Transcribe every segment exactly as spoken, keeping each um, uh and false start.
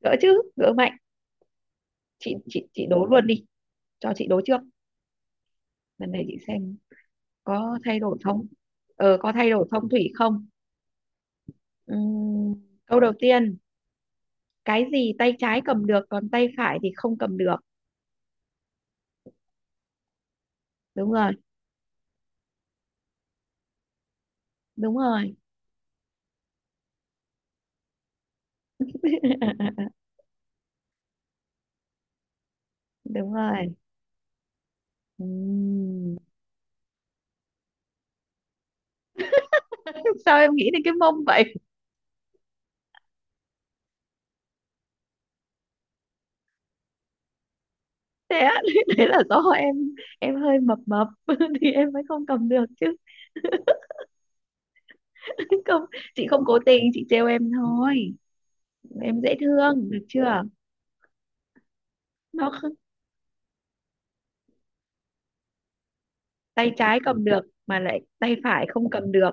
Gỡ chứ, gỡ mạnh. Chị chị chị đố luôn đi, cho chị đố trước. Lần này chị xem có thay đổi không. Ờ có thay đổi phong thủy không? Ừm, Câu đầu tiên: cái gì tay trái cầm được còn tay phải thì không cầm được? Đúng rồi. Đúng rồi. Đúng rồi. Ừm. Sao em nghĩ đến cái mông vậy? Thế á, thế là do em em hơi mập mập thì em mới không cầm được chứ. Không, chị không cố tình, chị trêu em thôi. Em dễ thương được chưa? No. Tay trái cầm được mà lại tay phải không cầm được.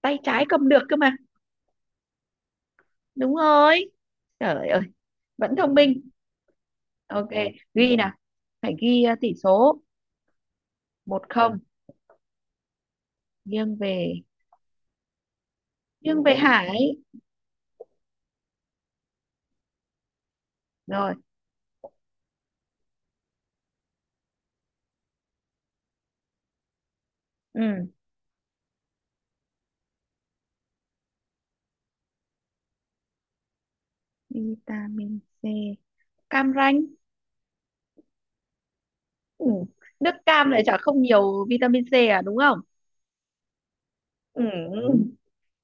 Tay trái cầm được cơ mà. Đúng rồi. Trời ơi, vẫn thông minh. Ok, ghi nào, phải ghi ờ, tỷ số một không, nghiêng về, nghiêng về Hải. Rồi. Ừ. vitamin xê, cam ranh. Ừ. Nước cam lại chả không nhiều vitamin xê à, đúng không? Ừ.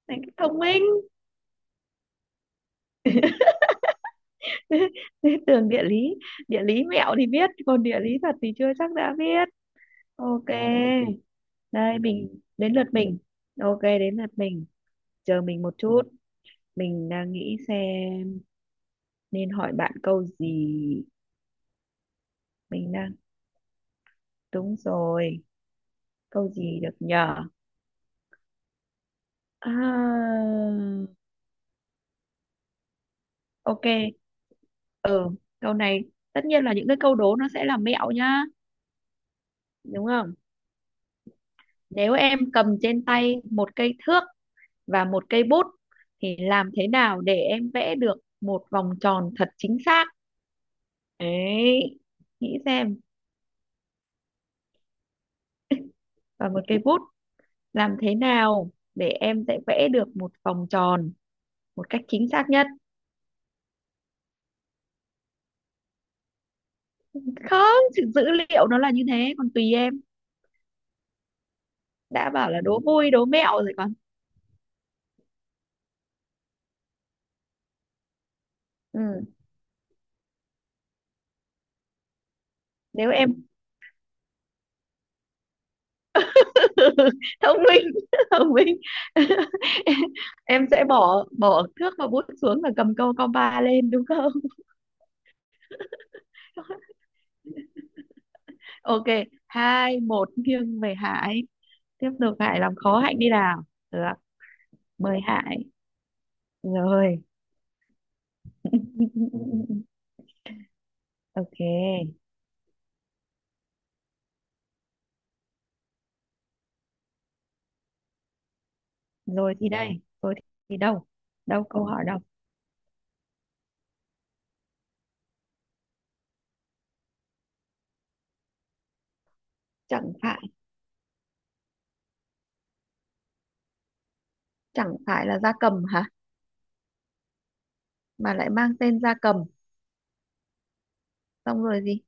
Này, thông minh. Tường địa lý. Địa lý mẹo thì biết còn địa lý thật thì chưa chắc đã biết. Ok. Đây, mình đến lượt mình. Ok, đến lượt mình. Chờ mình một chút. Mình đang nghĩ xem nên hỏi bạn câu gì. Mình đang Đúng rồi. Câu gì được nhờ? À, ok. Ừ, câu này, tất nhiên là những cái câu đố nó sẽ là mẹo nhá, đúng không? Nếu em cầm trên tay một cây thước và một cây bút thì làm thế nào để em vẽ được một vòng tròn thật chính xác? Đấy, nghĩ xem. Và một cây bút, làm thế nào để em sẽ vẽ được một vòng tròn một cách chính xác nhất. Không, sự dữ liệu nó là như thế, còn tùy em. Đã bảo là đố vui đố mẹo rồi còn. Ừ. Nếu em thông minh, thông minh. em em sẽ bỏ bỏ thước và bút xuống và cầm câu compa lên, đúng không? Ok, hai một nghiêng về Hải. Tiếp tục, Hải làm khó Hạnh đi nào. Được. Mời Hải. Rồi. Ok. Rồi thì đây, vâng, rồi thì đâu, đâu câu hỏi đâu? Chẳng phải, chẳng phải là gia cầm hả? Mà lại mang tên gia cầm. Xong rồi gì?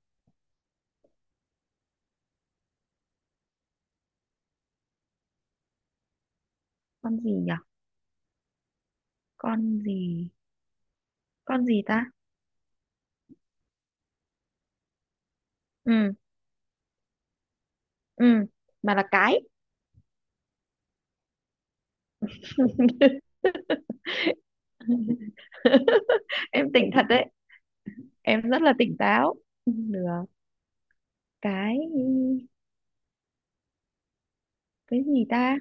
Con gì nhở? Con gì? Con gì ta? Ừ. Ừ. Mà là cái. Em tỉnh thật đấy, em rất là tỉnh táo. Được. cái cái gì ta?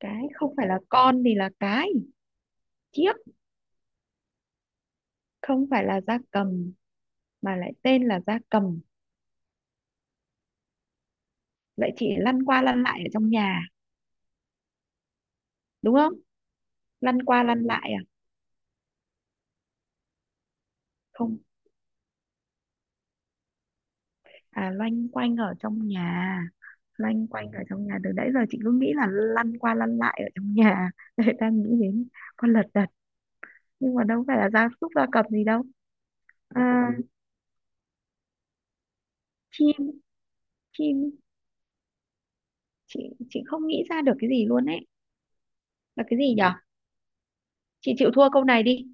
Cái không phải là con thì là cái, chiếc. Không phải là gia cầm mà lại tên là gia cầm. Vậy chị lăn qua lăn lại ở trong nhà, đúng không? Lăn qua lăn lại à? Không. À, loanh quanh ở trong nhà. Loanh quanh ở trong nhà, từ nãy giờ chị cứ nghĩ là lăn qua lăn lại ở trong nhà. Đấy, đang nghĩ đến con lật đật nhưng mà đâu phải là gia súc gia cầm gì đâu. À, chim, chim. chị chị không nghĩ ra được cái gì luôn ấy. Là cái gì nhở? Chị chịu thua câu này đi.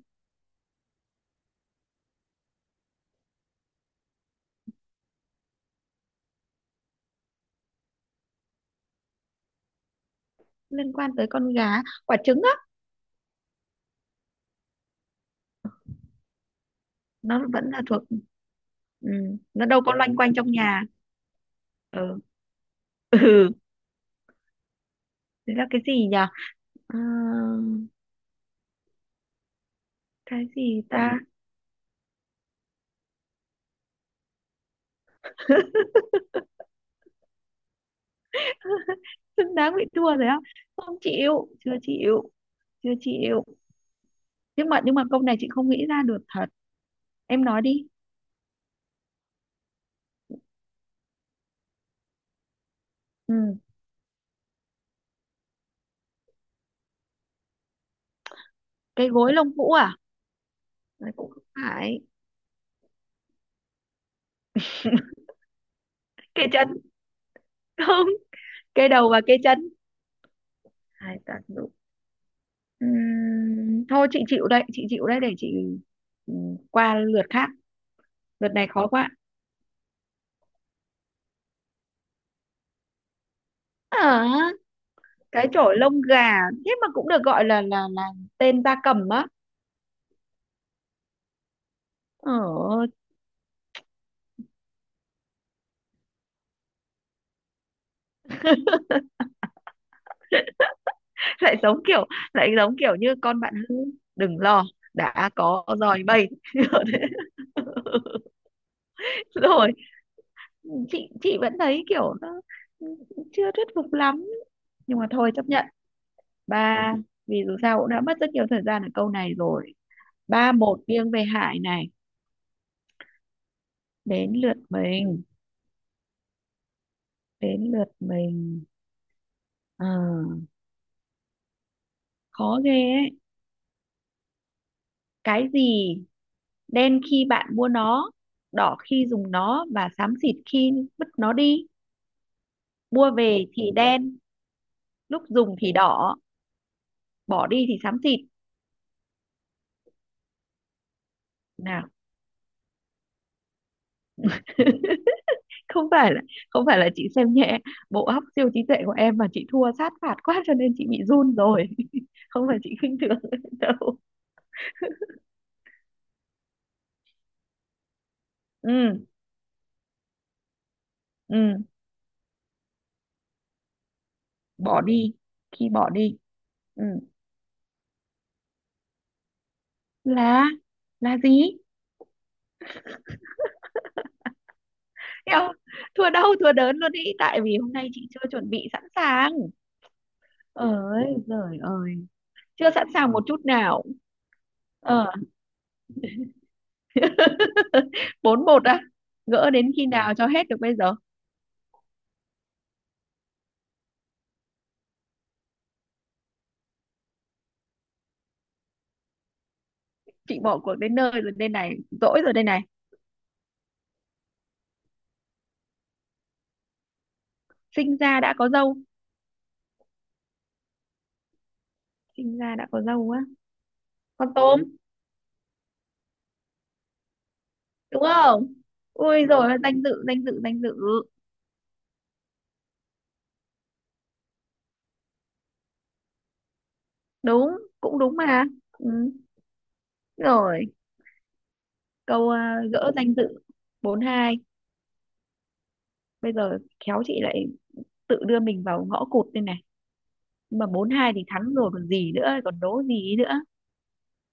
Liên quan tới con gà? Quả trứng á? Nó vẫn là thuộc, ừ, nó đâu có loanh quanh trong nhà. Ừ. Ừ. Thế là cái gì nhỉ? Ờ, cái gì ta? Đáng bị thua rồi á? Không chịu, chưa chịu, chưa chịu. Nhưng mà nhưng mà câu này chị không nghĩ ra được thật. Em nói đi. Ừ. Cái gối lông vũ à? Đấy, cũng không phải. Cái chân. Không, cái đầu và cái chân, hai tác dụng. Ừm, thôi chị chịu đây, chị chịu đây, để chị ừm, qua lượt khác. Lượt này khó quá. Ờ, cái chổi lông gà. Thế mà cũng được gọi là là là tên gia cầm á? Ờ. lại giống kiểu Lại giống kiểu như con bạn hư, đừng lo, đã có dòi bay. Ở đấy. Rồi. Chị chị vẫn thấy kiểu nó chưa thuyết phục lắm, nhưng mà thôi chấp nhận. Ba. Vì dù sao cũng đã mất rất nhiều thời gian ở câu này rồi. Ba một nghiêng về Hải này. Đến lượt mình. Đến lượt mình. Ờ, khó ghê ấy. Cái gì đen khi bạn mua nó, đỏ khi dùng nó và xám xịt khi vứt nó đi? Mua về thì đen, lúc dùng thì đỏ, bỏ đi thì xám xịt. Nào. Không phải là, không phải là chị xem nhẹ bộ óc siêu trí tuệ của em mà chị thua sát phạt quá cho nên chị bị run rồi. Không phải chị khinh thường đâu. Ừ. Ừ. Bỏ đi, khi bỏ đi. Ừ. là là gì? Thấy, thua đau thua đớn luôn ý, tại vì hôm nay chị chưa chuẩn bị sẵn sàng. Ơi giời ơi, chưa sẵn sàng một chút nào. Ờ. Bốn một á? Gỡ đến khi nào cho hết được bây giờ? Chị bỏ cuộc đến nơi rồi đây này, dỗi rồi đây này. Sinh ra đã có dâu? Sinh ra đã có dâu á? Con tôm, đúng không? Ui rồi, danh dự, danh dự, danh dự. Đúng, cũng đúng mà. Ừ. Rồi. Câu à, gỡ danh dự. Bốn hai. Bây giờ khéo chị lại tự đưa mình vào ngõ cụt đây này, nhưng mà bốn hai thì thắng rồi còn gì nữa, còn đố gì nữa,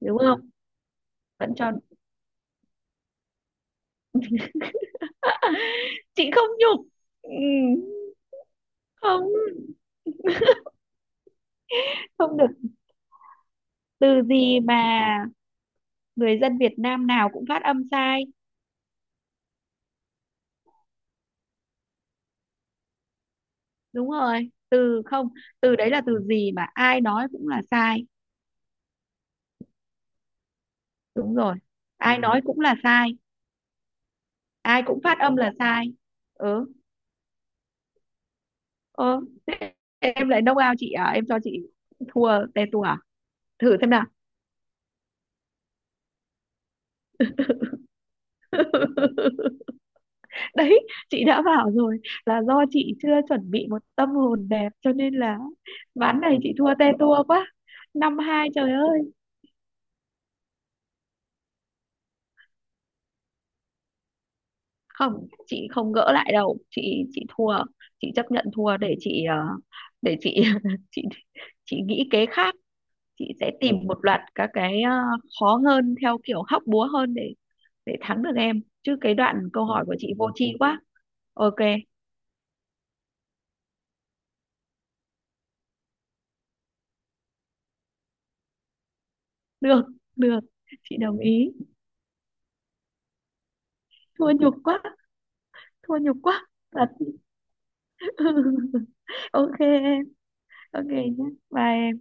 đúng không? Vẫn cho. Chị không nhục. Ừ. Không, không được. Từ gì mà người dân Việt Nam nào cũng phát âm sai? Đúng rồi, từ không. Từ đấy là từ gì mà ai nói cũng là sai? Đúng rồi. Ai ừ. nói cũng là sai. Ai cũng phát âm là sai. Ừ. Ừ. Thế em lại đông ao chị à, em cho chị thua tè tua à? Thử xem nào. Đấy, chị đã bảo rồi, là do chị chưa chuẩn bị một tâm hồn đẹp cho nên là ván này chị thua tè tua quá. Năm hai, trời ơi. Không, chị không gỡ lại đâu, chị chị thua. Chị chấp nhận thua để chị ờ, để chị chị chị nghĩ kế khác. Chị sẽ tìm một loạt các cái ờ, khó hơn, theo kiểu hóc búa hơn để để thắng được em, chứ cái đoạn câu hỏi của chị vô tri quá. Ok. Được, được, chị đồng ý. Thua nhục quá, thua nhục quá. Thật. Ok em. Ok nhé. Bye em.